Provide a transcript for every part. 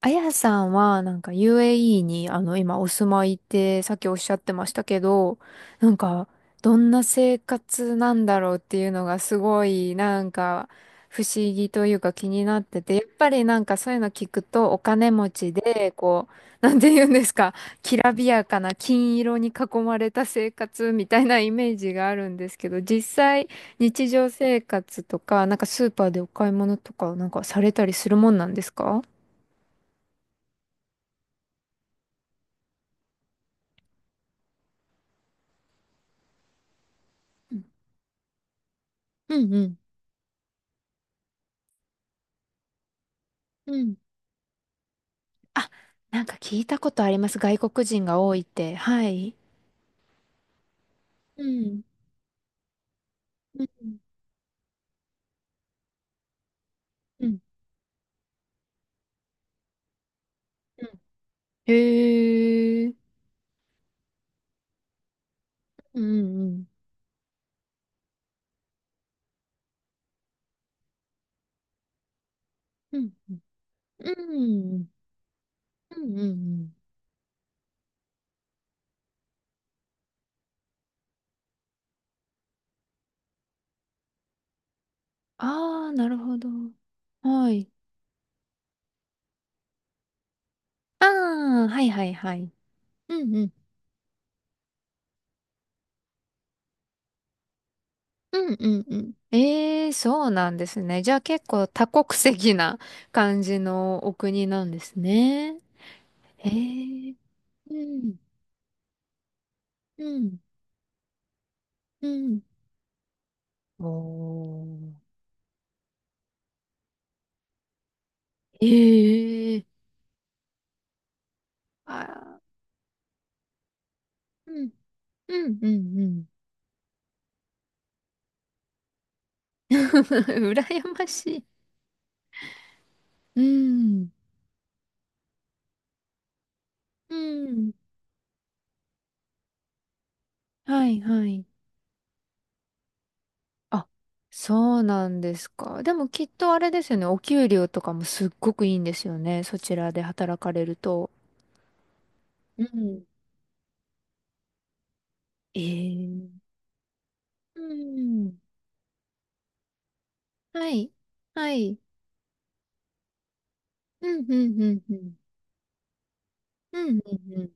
あやさんは、なんか UAE に、今お住まいって、さっきおっしゃってましたけど、なんか、どんな生活なんだろうっていうのがすごい、なんか、不思議というか気になってて、やっぱりなんかそういうの聞くと、お金持ちで、こう、なんて言うんですか、きらびやかな金色に囲まれた生活みたいなイメージがあるんですけど、実際、日常生活とか、なんかスーパーでお買い物とか、なんかされたりするもんなんですか？うんうん。うん。あ、なんか聞いたことあります。外国人が多いって。はい。うん。うん。うん。うん。へえ。うん。うん。うん。うん。うんうんうん。ああ、なるほど。はい。ああ、はいはいはい。うんうん。うんうんうん。ええ、そうなんですね。じゃあ結構多国籍な感じのお国なんですね。へえ。うん。うん。うん。おー。ええ。あー、うん、うん、うん、うん。羨ましい。うん、うん。はい、はい。あ、そうなんですか。でもきっとあれですよね。お給料とかもすっごくいいんですよね。そちらで働かれると。うん。ええ。うん。はい。はい。うん、うん、うん、うん。うん、うん、うん。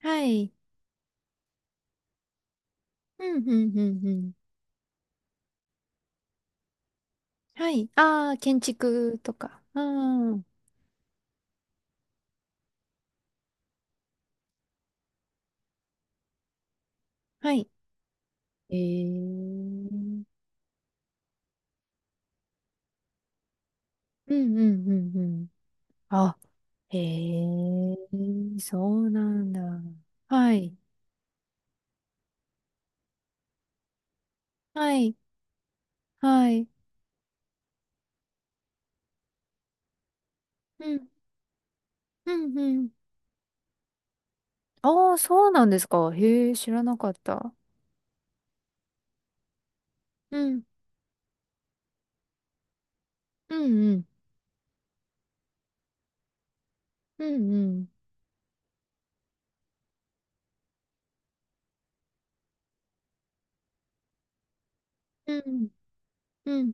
はい。うん、うん、うん、うん。はい。ああ、建築とか。うん。はい。えー、うんうんうんうん。あ、へえ、そうなんだ。はい、はい、はい。うん、うん、うん。ああ、そうなんですか。へえ、知らなかった。うん、うん、うん、うん、うん、うん、うん、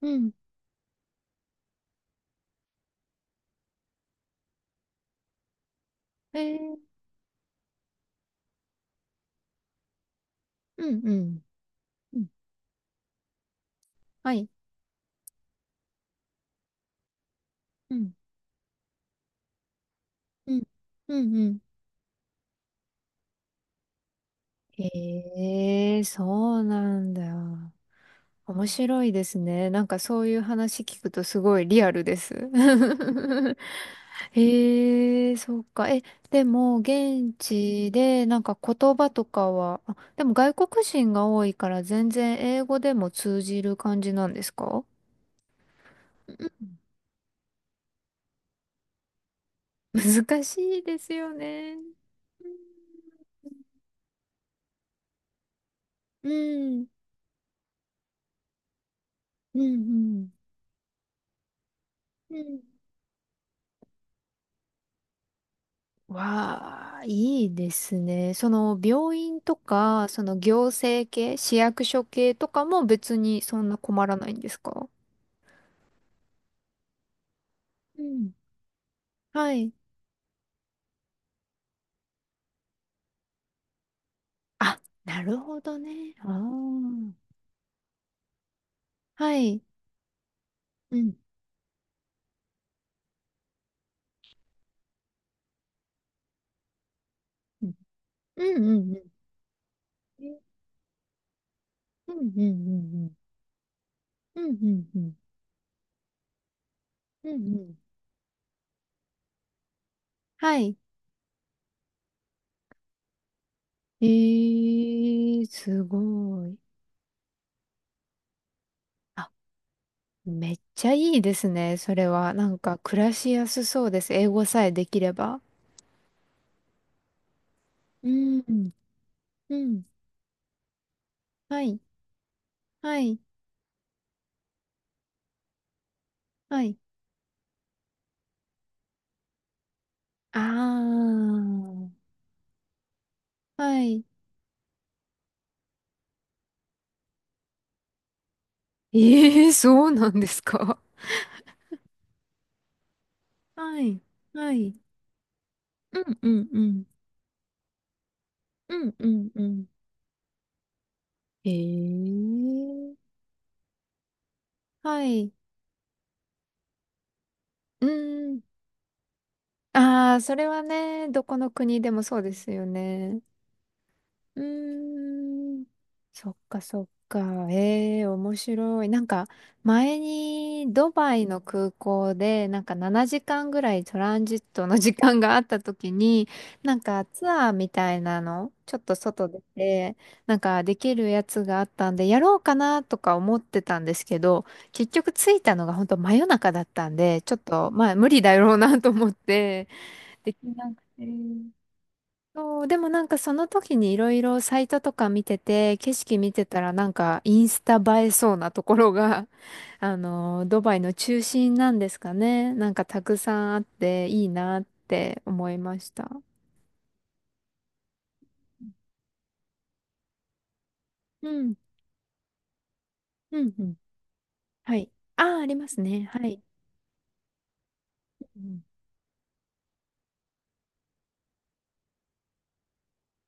うん。へえ、うん、うん、うん。はい、うん、うん、うん、うん。へえ、そうなんだ。面白いですね。なんかそういう話聞くとすごいリアルです。へえ、そうか。え、でも現地でなんか言葉とかは、あ、でも外国人が多いから全然英語でも通じる感じなんですか？うん。 難しいですよね。うん、うん、うん。うんうん。わあ、いいですね。その病院とか、その行政系、市役所系とかも別にそんな困らないんですか？うん。はい。あ、なるほどね。ああ。はい。うん。うん。うんうんえ。うん。うんうんうんうんうんうんうん。うんうん。はい。えー、すごい。あ、めっちゃいいですね。それは。なんか暮らしやすそうです。英語さえできれば。うん。うん。はい。はい。はい。ああ。はい。ええ、そうなんですか。はい。はい。うんうんうん。うんうんうん。ええ。はい。うーん。ああ、それはね、どこの国でもそうですよね。うーん、そっかそっか。ええ、面白い。なんか、前にドバイの空港で、なんか7時間ぐらいトランジットの時間があった時に、なんかツアーみたいなの、ちょっと外出て、なんかできるやつがあったんで、やろうかなとか思ってたんですけど、結局着いたのが本当真夜中だったんで、ちょっと、まあ無理だろうなと思って、できなくて。そう、でもなんかその時にいろいろサイトとか見てて、景色見てたらなんかインスタ映えそうなところが、ドバイの中心なんですかね。なんかたくさんあっていいなって思いました。うん、うん、うん。はい。ああ、ありますね。はい。うん。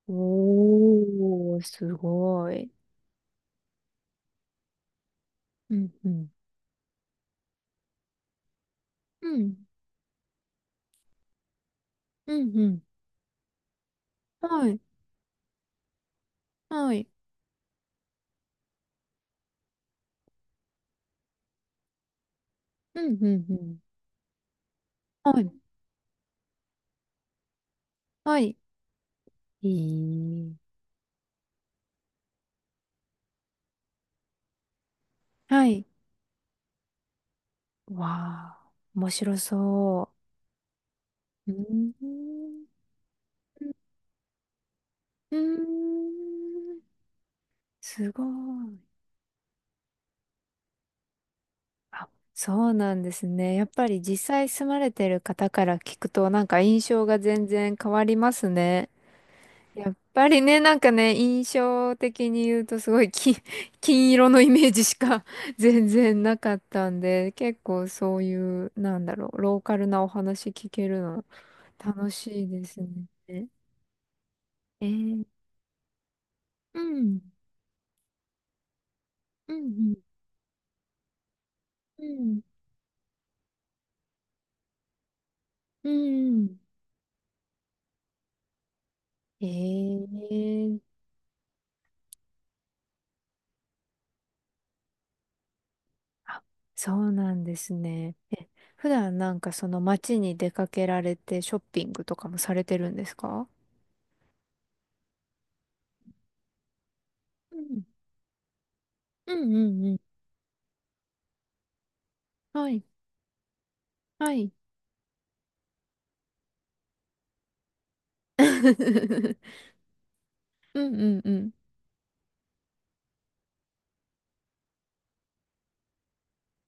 おー、すごい。うん、うん。うん、うん、うん。はい、はい。うん、うん、うん。はい、はい。いい。はい。わあ、面白そう。うーん。うーん。すごい。あ、そうなんですね。やっぱり実際住まれてる方から聞くと、なんか印象が全然変わりますね。やっぱりね、なんかね、印象的に言うとすごい金、金色のイメージしか 全然なかったんで、結構そういう、なんだろう、ローカルなお話聞けるの楽しいですね。えー、うん。うんうん。うん。うん。ええ。あ、そうなんですね。え、普段なんかその街に出かけられてショッピングとかもされてるんですか？うん。うんうんうん。はい。はい。うんうんうん。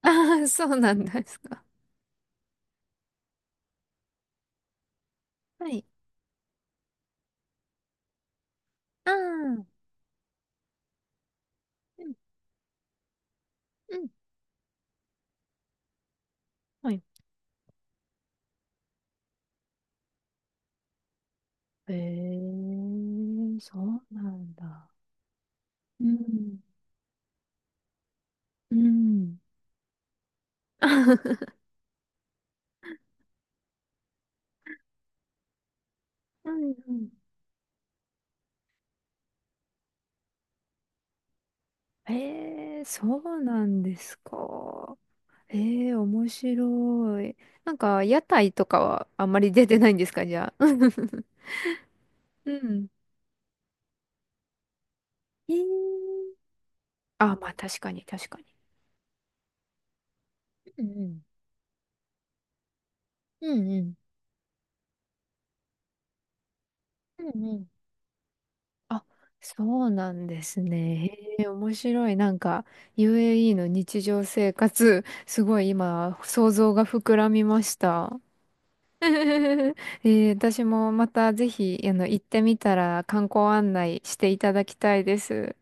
ああ、そうなんですか。はい。ああ。うんうん。はい。ええ、そうなんだ。うん。うん。うんうん。えー、そうなんですか。えー、面白い。なんか、屋台とかはあんまり出てないんですか、じゃあ？うん。えー、あ、まあ確かに確かに。うんうん。うんうん。うんうん。あ、そうなんですね。へえ、面白い。なんか、UAE の日常生活、すごい今、想像が膨らみました。え私もまたぜひ、行ってみたら観光案内していただきたいです。